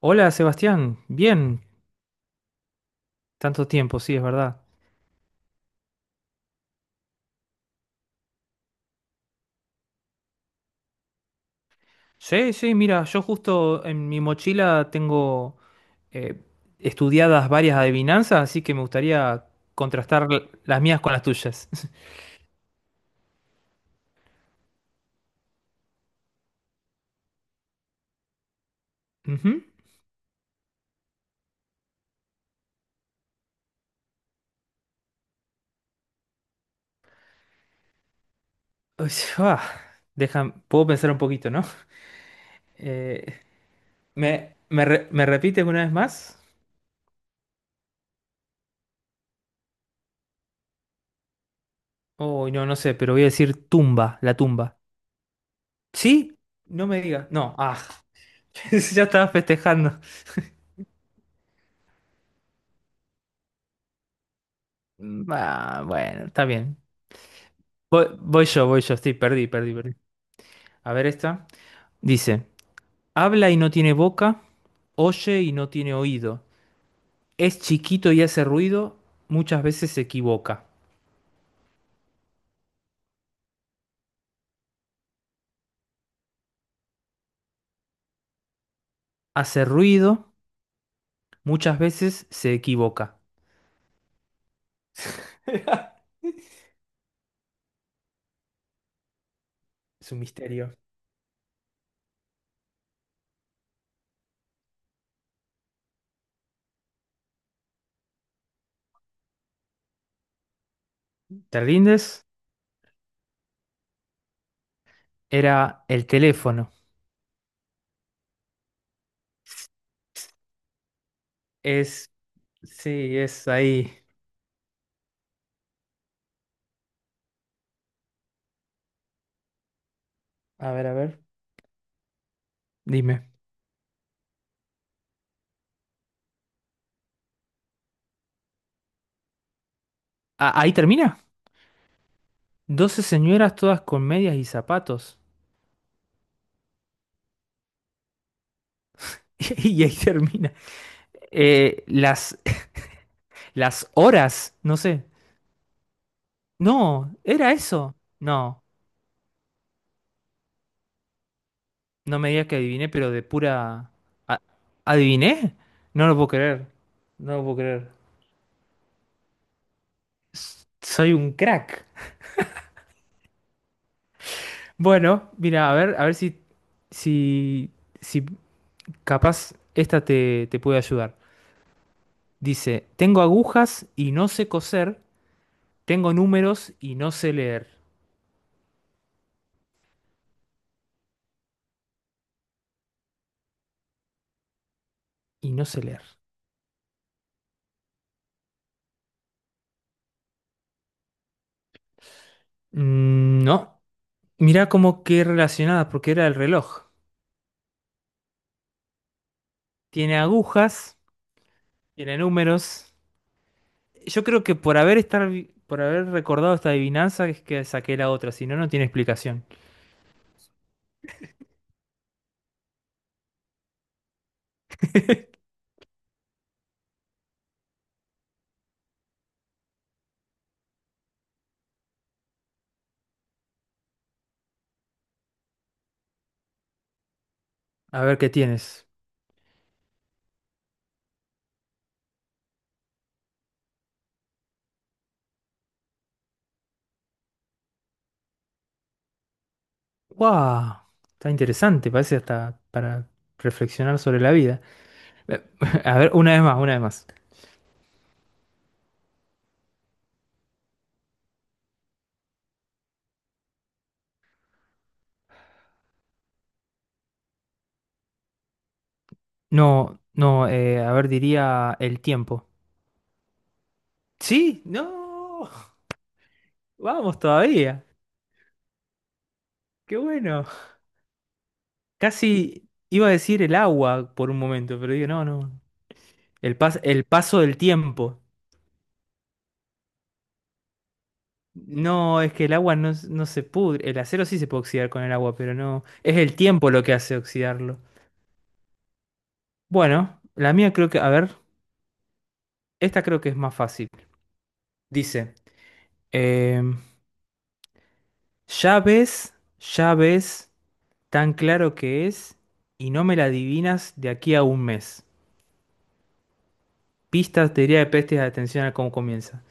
Hola Sebastián, bien, tanto tiempo, sí, es verdad. Sí, sí, mira, yo justo en mi mochila tengo eh, estudiadas varias adivinanzas, así que me gustaría contrastar las mías con las tuyas. Ujú. Uy, ah, puedo pensar un poquito, ¿no? Eh, me repites una vez más? Oh no, no sé, pero voy a decir tumba, la tumba. ¿Sí? No me digas, no, ah, ya estaba festejando. Ah, bueno, está bien. Voy yo, sí, perdí, perdí, perdí. A ver esta. Dice, habla y no tiene boca, oye y no tiene oído. Es chiquito y hace ruido, muchas veces se equivoca. Hace ruido, muchas veces se equivoca. Es un misterio. ¿Te rindes? Era el teléfono. Es, sí, es ahí. A ver, a ver. Dime. Ah, ahí termina. Doce señoras todas con medias y zapatos. Y ahí termina. Eh, las Las horas, no sé. No, era eso. No, no me digas que adiviné, pero de pura... a- ¿Adiviné? No lo puedo creer. No lo puedo creer. Soy un crack. Bueno, mira, a ver si, si capaz esta te puede ayudar. Dice, tengo agujas y no sé coser, tengo números y no sé leer. Y no sé leer. Mm, no, mira como que relacionada, porque era el reloj. Tiene agujas. Y de números, yo creo que por haber estar, por haber recordado esta adivinanza es que saqué la otra, si no, no tiene explicación. A ver qué tienes. ¡Wow! Está interesante, parece hasta para reflexionar sobre la vida. Eh, A ver, una vez más, una vez más. No, no, a ver, diría el tiempo. ¿Sí? ¡No! Vamos todavía. ¡Qué bueno! Casi iba a decir el agua por un momento, pero digo, no, no. El paso del tiempo. No, es que el agua no, no se pudre. El acero sí se puede oxidar con el agua, pero no. Es el tiempo lo que hace oxidarlo. Bueno, la mía creo que. A ver, esta creo que es más fácil. Dice: em, ya ves, ya ves, tan claro que es, y no me la adivinas de aquí a un mes. Pistas, teoría de pestes, atención a cómo comienza.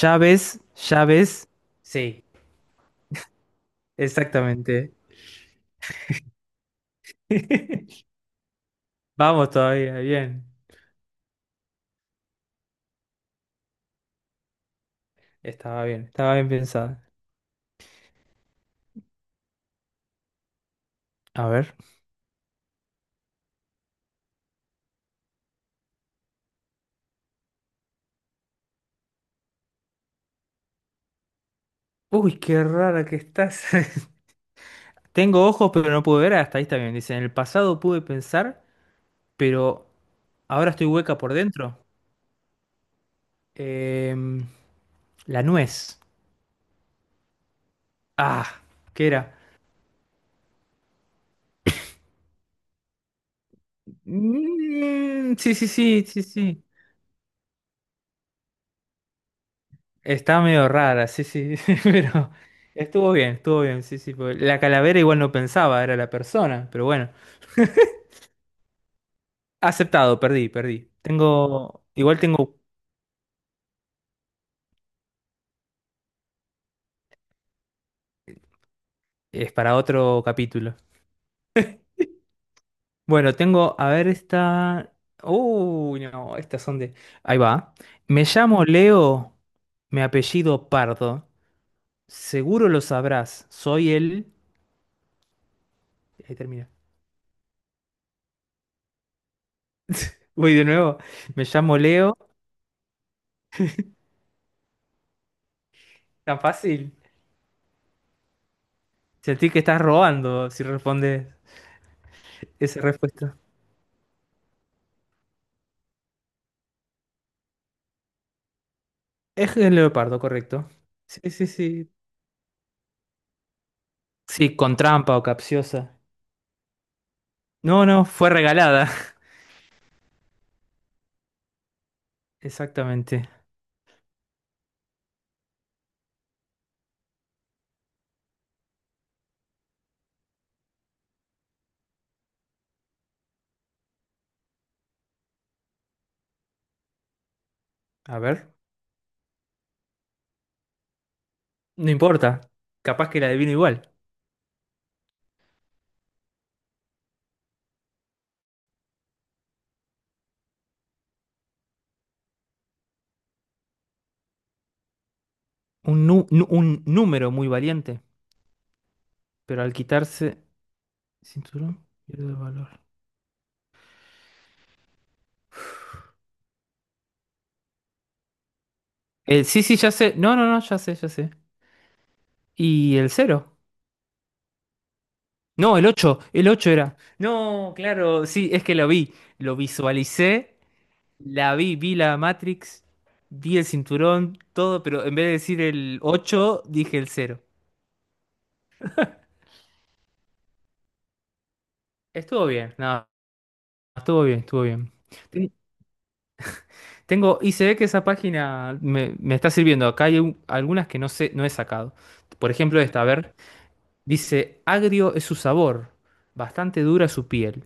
Ya ves, ya ves. Sí, exactamente. Vamos todavía, bien. Estaba bien, estaba bien pensada. A ver. Uy, qué rara que estás. Tengo ojos, pero no puedo ver. Hasta ahí está bien. Dice, en el pasado pude pensar, pero ahora estoy hueca por dentro. Em, la nuez. Ah, ¿qué era? Mm, sí, sí, sí, sí, sí. Está medio rara, sí, sí. Pero estuvo bien, sí, sí. Porque la calavera igual no pensaba, era la persona, pero bueno. Aceptado, perdí, perdí. Es para otro capítulo. Bueno, tengo, a ver esta. Uy, no, estas son de. Ahí va. Me llamo Leo, mi apellido Pardo. Seguro lo sabrás. Soy el. Ahí termina. Uy, de nuevo. Me llamo Leo. Tan fácil. Sentí que estás robando si respondes esa respuesta. Es el leopardo, correcto. Sí, sí, sí. Sí, con trampa o capciosa. No, no, fue regalada. Exactamente. A ver, no importa. Capaz que la adivino igual. Un número muy valiente, pero al quitarse cinturón pierde valor. El, sí, sí, ya sé. No, no, no, ya sé, ya sé. ¿Y el cero? No, el ocho era. No, claro, sí, es que lo vi, lo visualicé, la vi, vi la Matrix, vi el cinturón, todo, pero en vez de decir el 8 dije el cero. Estuvo bien, no, estuvo bien, estuvo bien. Tengo, y se ve que esa página me está sirviendo. Acá hay algunas que no sé, no he sacado. Por ejemplo, esta, a ver, dice, agrio es su sabor, bastante dura su piel.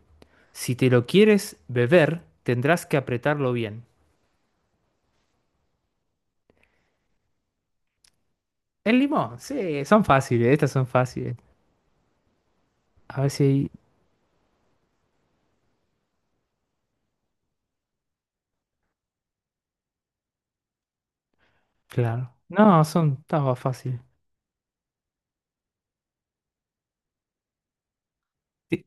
Si te lo quieres beber, tendrás que apretarlo bien. El limón, sí, son fáciles, estas son fáciles. A ver si hay- claro. No, son, estaba fácil. Sí.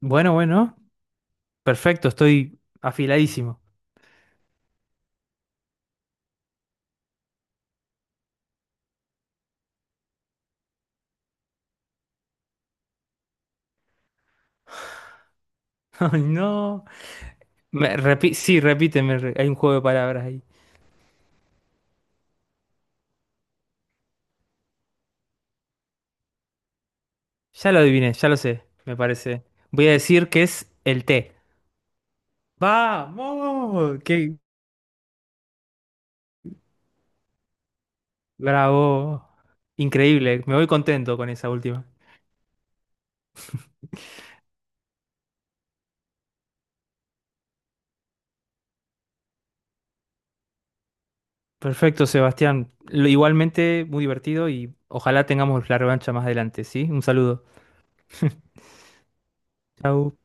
Bueno, bueno, perfecto, estoy afiladísimo. No, sí, repíteme, re- hay un juego de palabras ahí. Ya lo adiviné, ya lo sé, me parece. Voy a decir que es el té. ¡Vamos! ¡Qué bravo! Increíble, me voy contento con esa última. Perfecto, Sebastián. Igualmente, muy divertido y ojalá tengamos la revancha más adelante, ¿sí? Un saludo. Chau.